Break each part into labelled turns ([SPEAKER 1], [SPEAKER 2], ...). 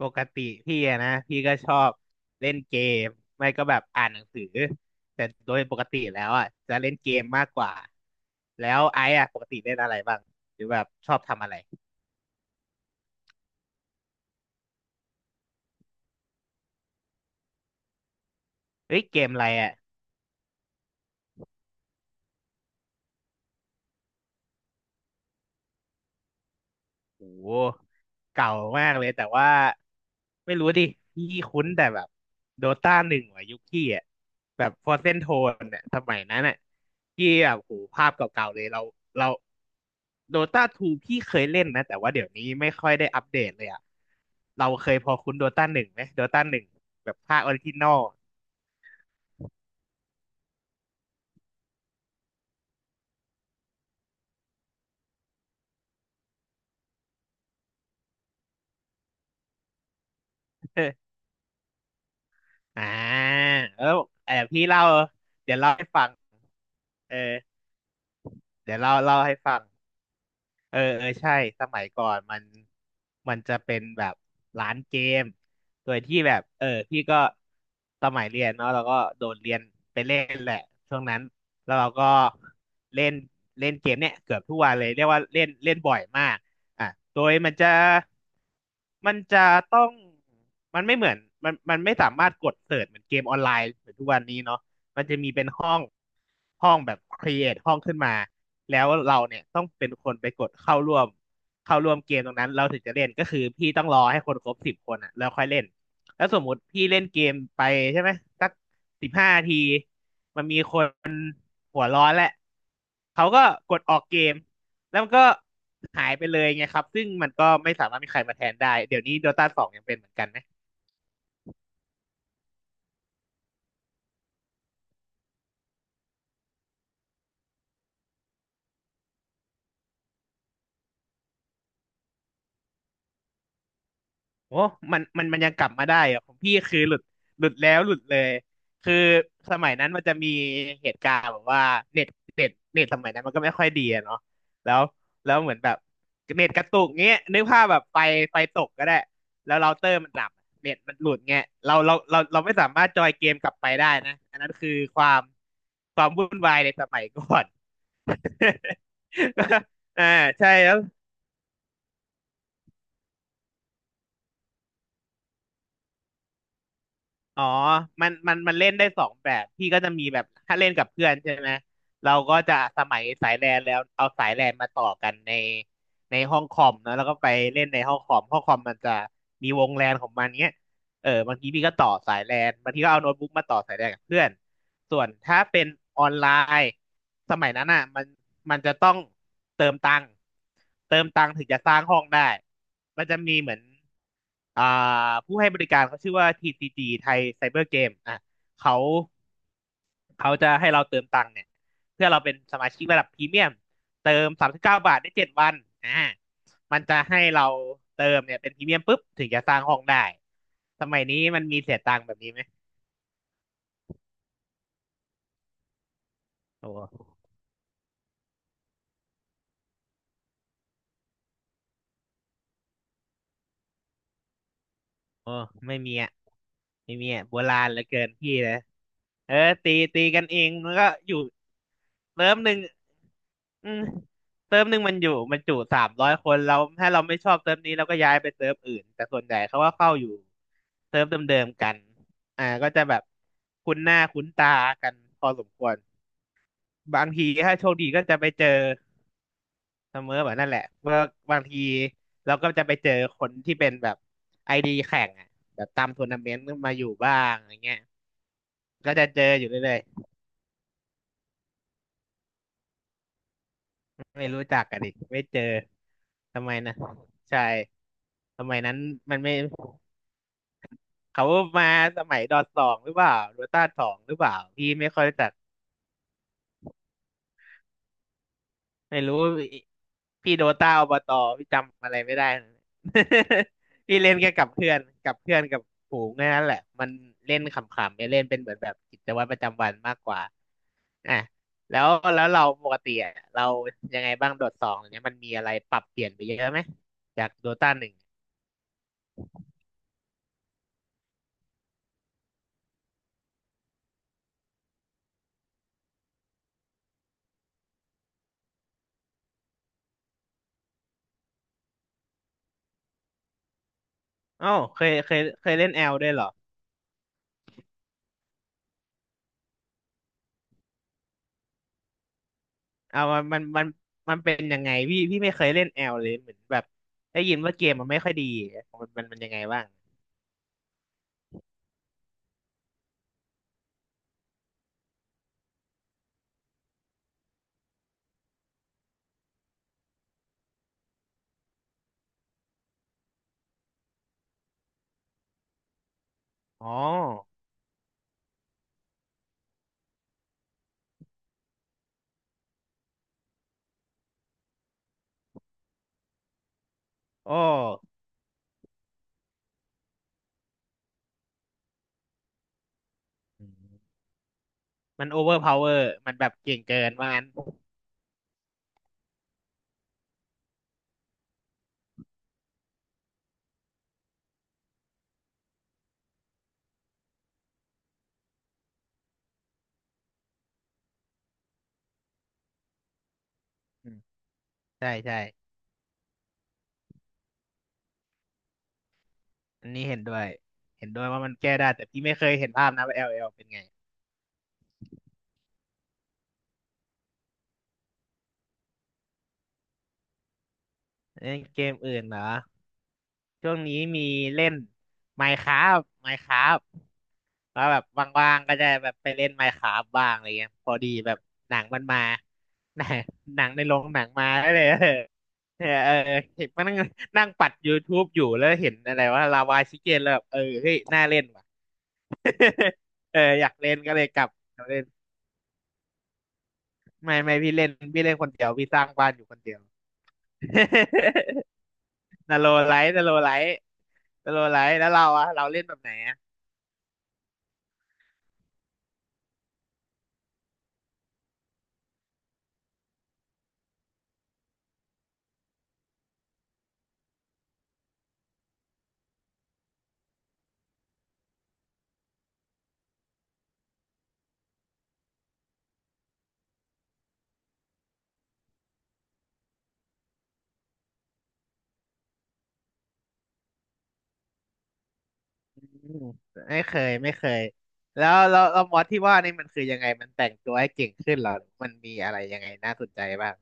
[SPEAKER 1] ปกติพี่อะนะพี่ก็ชอบเล่นเกมไม่ก็แบบอ่านหนังสือแต่โดยปกติแล้วอ่ะจะเล่นเกมมากกว่าแล้วไอ้อะปกติเล่นอะไรบ้างหรือแบบชอบทำอะไรเฮ้ยเกมอะไรอ่ะ โอ้โหเก่ามากเลยแต่ว่าไม่รู้ดิพี่คุ้นแต่แบบโดตาหนึ่งว่ะยุคพี่อ่ะแบบฟอร์เซนโทนเนี่ยสมัยนั้นอ่ะพี่แบบโหภาพเก่าๆเลยเราเราโดตาทูพี่เคยเล่นนะแต่ว่าเดี๋ยวนี้ไม่ค่อยได้อัปเดตเลยอ่ะเราเคยพอคุ้นโดตาหนึ่งไหมโดตาหนึ่งแบบภาพ อ่าแล้วอพี่เล่าเดี๋ยวเล่าให้ฟังอเดี๋ยวเล่าให้ฟัง เออเออใช่สมัยก่อนมันมันจะเป็นแบบร้านเกมโดยที่แบบพี่ก็สมัยเรียนเนาะเราก็โดนเรียนไปเล่นแหละช่วงนั้นแล้วเราก็เล่นเล่นเกมเนี่ยเกือบทุกวันเลยเรียกว่าเล่นเล่นบ่อยมากอ่ะโดยมันจะมันจะต้องมันไม่เหมือนมันไม่สามารถกดเสิร์ชเหมือนเกมออนไลน์เหมือนทุกวันนี้เนาะ มันจะมีเป็นห้องห้องแบบค r e เอทห้องขึ้นมาแล้วเราเนี่ยต้องเป็นคนไปกดเข้าร่วมเกมตรงนั้นเราถึงจะเล่นก็คือพี่ต้องรอให้คนครบ10 คนอ่ะแล้วค่อยเล่นแล้วสมมุติพี่เล่นเกมไปใช่ไหมสัก15 นาทีมันมีคนหัวร้อนแหละเขาก็กดออกเกมแล้วมันก็หายไปเลยไงครับซึ่งมันก็ไม่สามารถมีใครมาแทนได้เดี๋ยวนี้ Dota 2ยังเป็นเหมือนกันไหม โอ้มันยังกลับมาได้อะของพี่คือหลุดแล้วหลุดเลย คือสมัยนั้นมันจะมีเหตุการณ์แบบว่าเน็ตเน็ตสมัยนั้นมันก็ไม่ค่อยดีอะเนาะแล้วแล้วเหมือนแบบเน็ตกระตุกเงี้ยนึกภาพแบบไฟตกก็ได้ แล้วเราเตอร์มันดับเน็ตมันหลุดเงี้ยเราไม่สามารถจอยเกมกลับไปได้นะอันนั้นคือความวุ่นวายในสมัยก่อน อ่าใช่แล้ว อ๋อมันเล่นได้2 แบบพี่ก็จะมีแบบถ้าเล่นกับเพื่อนใช่ไหมเราก็จะสมัยสายแลนแล้วเอา สายแลนมาต่อกันใน ห้องคอมนะแล้วก็ไปเล่นในห้องคอมห้องคอมมันจะมีวงแลนของมันเงี้ยเออบางทีพี่ก็ต่อสายแลนบางทีก็เอาโน้ตบุ๊กมาต่อสายแลนกับเพื่อนส่วนถ้าเป็นออนไลน์ สมัยนั้นอ่ะมันจะต้องเติมตังค์ถึงจะสร้างห้องได้ มันจะมีเหมือนอ่าผู้ให้บริการเขาชื่อว่า TCG ไทยไซเบอร์เกมอ่ะเขาเขาจะให้เราเติมตังค์เนี่ยเพื่อเราเป็นสมาชิกระดับพรีเมียมเติม39 บาทได้7 วันอ่ามันจะให้เราเติมเนี่ยเป็นพรีเมียมปุ๊บถึงจะสร้างห้องได้สมัยนี้มันมีเสียตังค์แบบนี้ไหมโอ้ โอ้ไม่มีอ่ะไม่มีอ่ะโบราณเหลือเกินพี่นะเออตีกันเองมันก็อยู่เติมหนึ่งอืมเติมหนึ่งมันอยู่มันจุ300 คนเราถ้าเราไม่ชอบเติมนี้เราก็ย้ายไปเติมอื่นแต่ส่วนใหญ่เขาก็เข้าอยู่เติมเดิมๆกันอ่าก็จะแบบคุ้นหน้าคุ้นตากันพอสมควรบางทีถ้าโชคดีก็จะไปเจอ เสมอแบบนั่นแหละเมื่อบางทีเราก็จะไปเจอคนที่เป็นแบบไอดีแข่งอ่ะแบบตามทัวร์นาเมนต์มาอยู่บ้างอย่างเงี้ยก็จะเจออยู่เรื่อยๆไม่รู้จักกันอีกไม่เจอทำไมนะใช่สมัยนั้นมันไม่เขามาสมัยดอทสองหรือเปล่าโดต้าสองหรือเปล่าพี่ไม่ค่อยรู้จัก ไม่รู้พี่โดต้าอบตพี่จำอะไรไม่ได้เลย พี่เล่นแค่กับเพื่อนกับฝูงแค่นั้นแหละมันเล่นขำๆไม่เล่นเป็นเหมือนแบบกิจวัตรประจำวันมากกว่าอ่ะแล้วแล้วเราปกติอ่ะเรายังไงบ้างโดดสองเนี่ยมันมีอะไรปรับเปลี่ยนไปเยอะไหมจากโดต้าหนึ่งอ้าวเคยเล่นแอลด้วยเหรอเอามันเป็นยังไงพี่พี่ไม่เคยเล่นแอลเลยเหมือนแบบได้ยินว่าเกมมันไม่ค่อยดีมันยังไงบ้างอ๋อ โอ้อืมมันโอเวอร์พาวเวอร์มันแบบเก่งเกินว่างั้นอืมใช่ใช่ อันนี้เห็นด้วย เห็นด้วยว่ามันแก้ได้แต่พี่ไม่เคยเห็นภาพนะว่า LL เป็นไงเล่นเกมอื่นเหรอช่วงนี้มีเล่น Minecraft แล้วแบบว่างๆก็จะแบบไปเล่น Minecraft บ้างอะไรเงี้ยพอดีแบบหนังมันมา หนังหนังในโรงหนังมาก็เลยเออ เออเห็นมันนั่งนั่งปัด YouTube อยู่แล้วเห็นอะไรว่าลาวาชิเกนแล้วแบบเออเฮ้ยน่าเล่นว่ะ เอออยากเล่นก็เลยกลับมาเล่นไม่พี่เล่นคนเดียวพี่สร้างบ้านอยู่คนเดียว นาโลไลท์นาโลไลท์นาโลไลท์แล้วเราเล่นแบบไหนอะ อืมไม่เคยแล้วแล้วแล้วมอสที่ว่านี่มันคือยังไงมันแต่งตัวให้เก่งขึ้นเหรอมันมีอะไรยังไงน่าสนใจบ้าง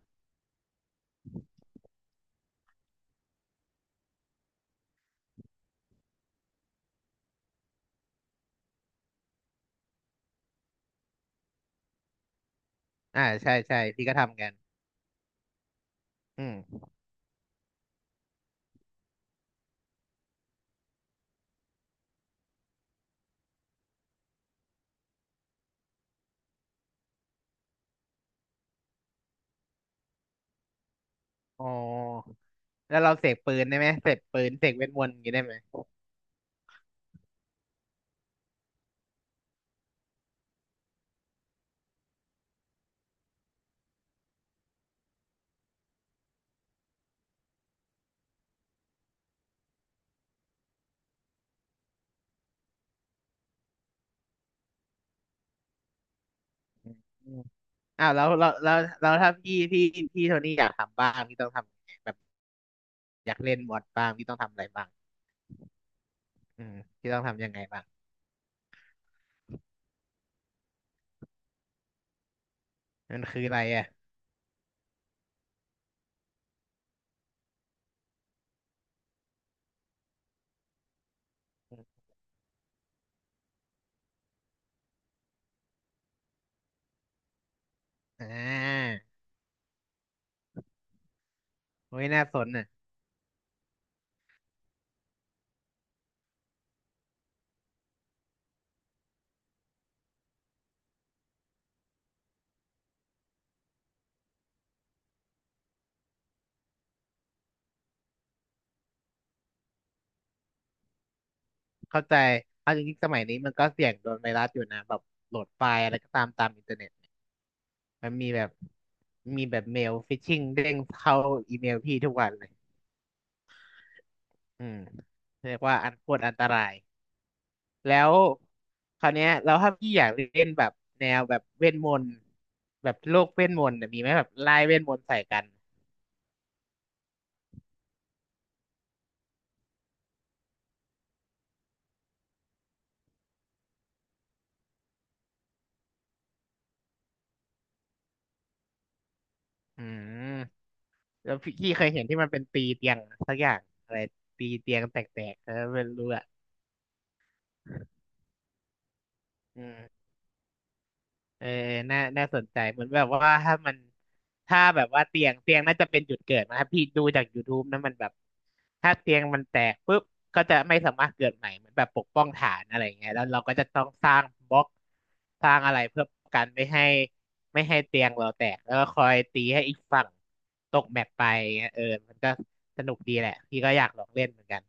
[SPEAKER 1] อ่าใช่ใช่พี่ก็ทำกันอืมอ๋อแล้วเราเสกปืนได้ไหมเสกเวทมนต์อย่างนี้ได้ไหมอืมอมอ้าวแล้วถ้าพี่โทนี่อยากทำบ้างพี่ต้องทำยังไงแบบอยากเล่นมอสบ้างพี่ต้องทำอะไรบ้างอืมพี่ต้องทำยังไงบ้างมันคืออะไรอ่ะอ่าโอ้ยน่าสนอ่ะ เข้าใจเอาจริงๆสมัยนี้มันก็เสี่ยงโดนไวรัสอยู่นะแบบโหลดไฟล์อะไรก็ตามอินเทอร์เน็ตมันมีแบบมีแบบเมลฟิชชิงเด้งเข้าอีเมลพี่ทุกวันเลยอืมเรียกว่าอันโคตรอันตรายแล้วคราวเนี้ยแล้วถ้าพี่อยากเล่นแบบแนวแบบเวทมนต์แบบโลกเวทมนต์เนี่ยมีไหมแบบไล่เวทมนต์ใส่กันอืมแล้วพี่เคยเห็นที่มันเป็นตีเตียงสักอย่างอะไรตีเตียงแตกๆเออไม่รู้อะอืม เออน่าสนใจเหมือนแบบว่าถ้ามันถ้าแบบว่าเตียงน่าจะเป็นจุดเกิดนะครับพี่ดูจาก YouTube นะมันแบบถ้าเตียงมันแตกปุ๊บก็จะไม่สามารถเกิดใหม่เหมือนแบบปกป้องฐานอะไรอย่างเงี้ยแล้วเราก็จะต้องสร้างบล็อก สร้างอะไรเพื่อกันไม่ให้เตียงเราแตก แล้วก็คอยตีให้อีกฝั่งตกแมปไปเงี้ยเออมันก็สนุกดีแหละ พี่ก็อยากลองเล่นเหมือนกัน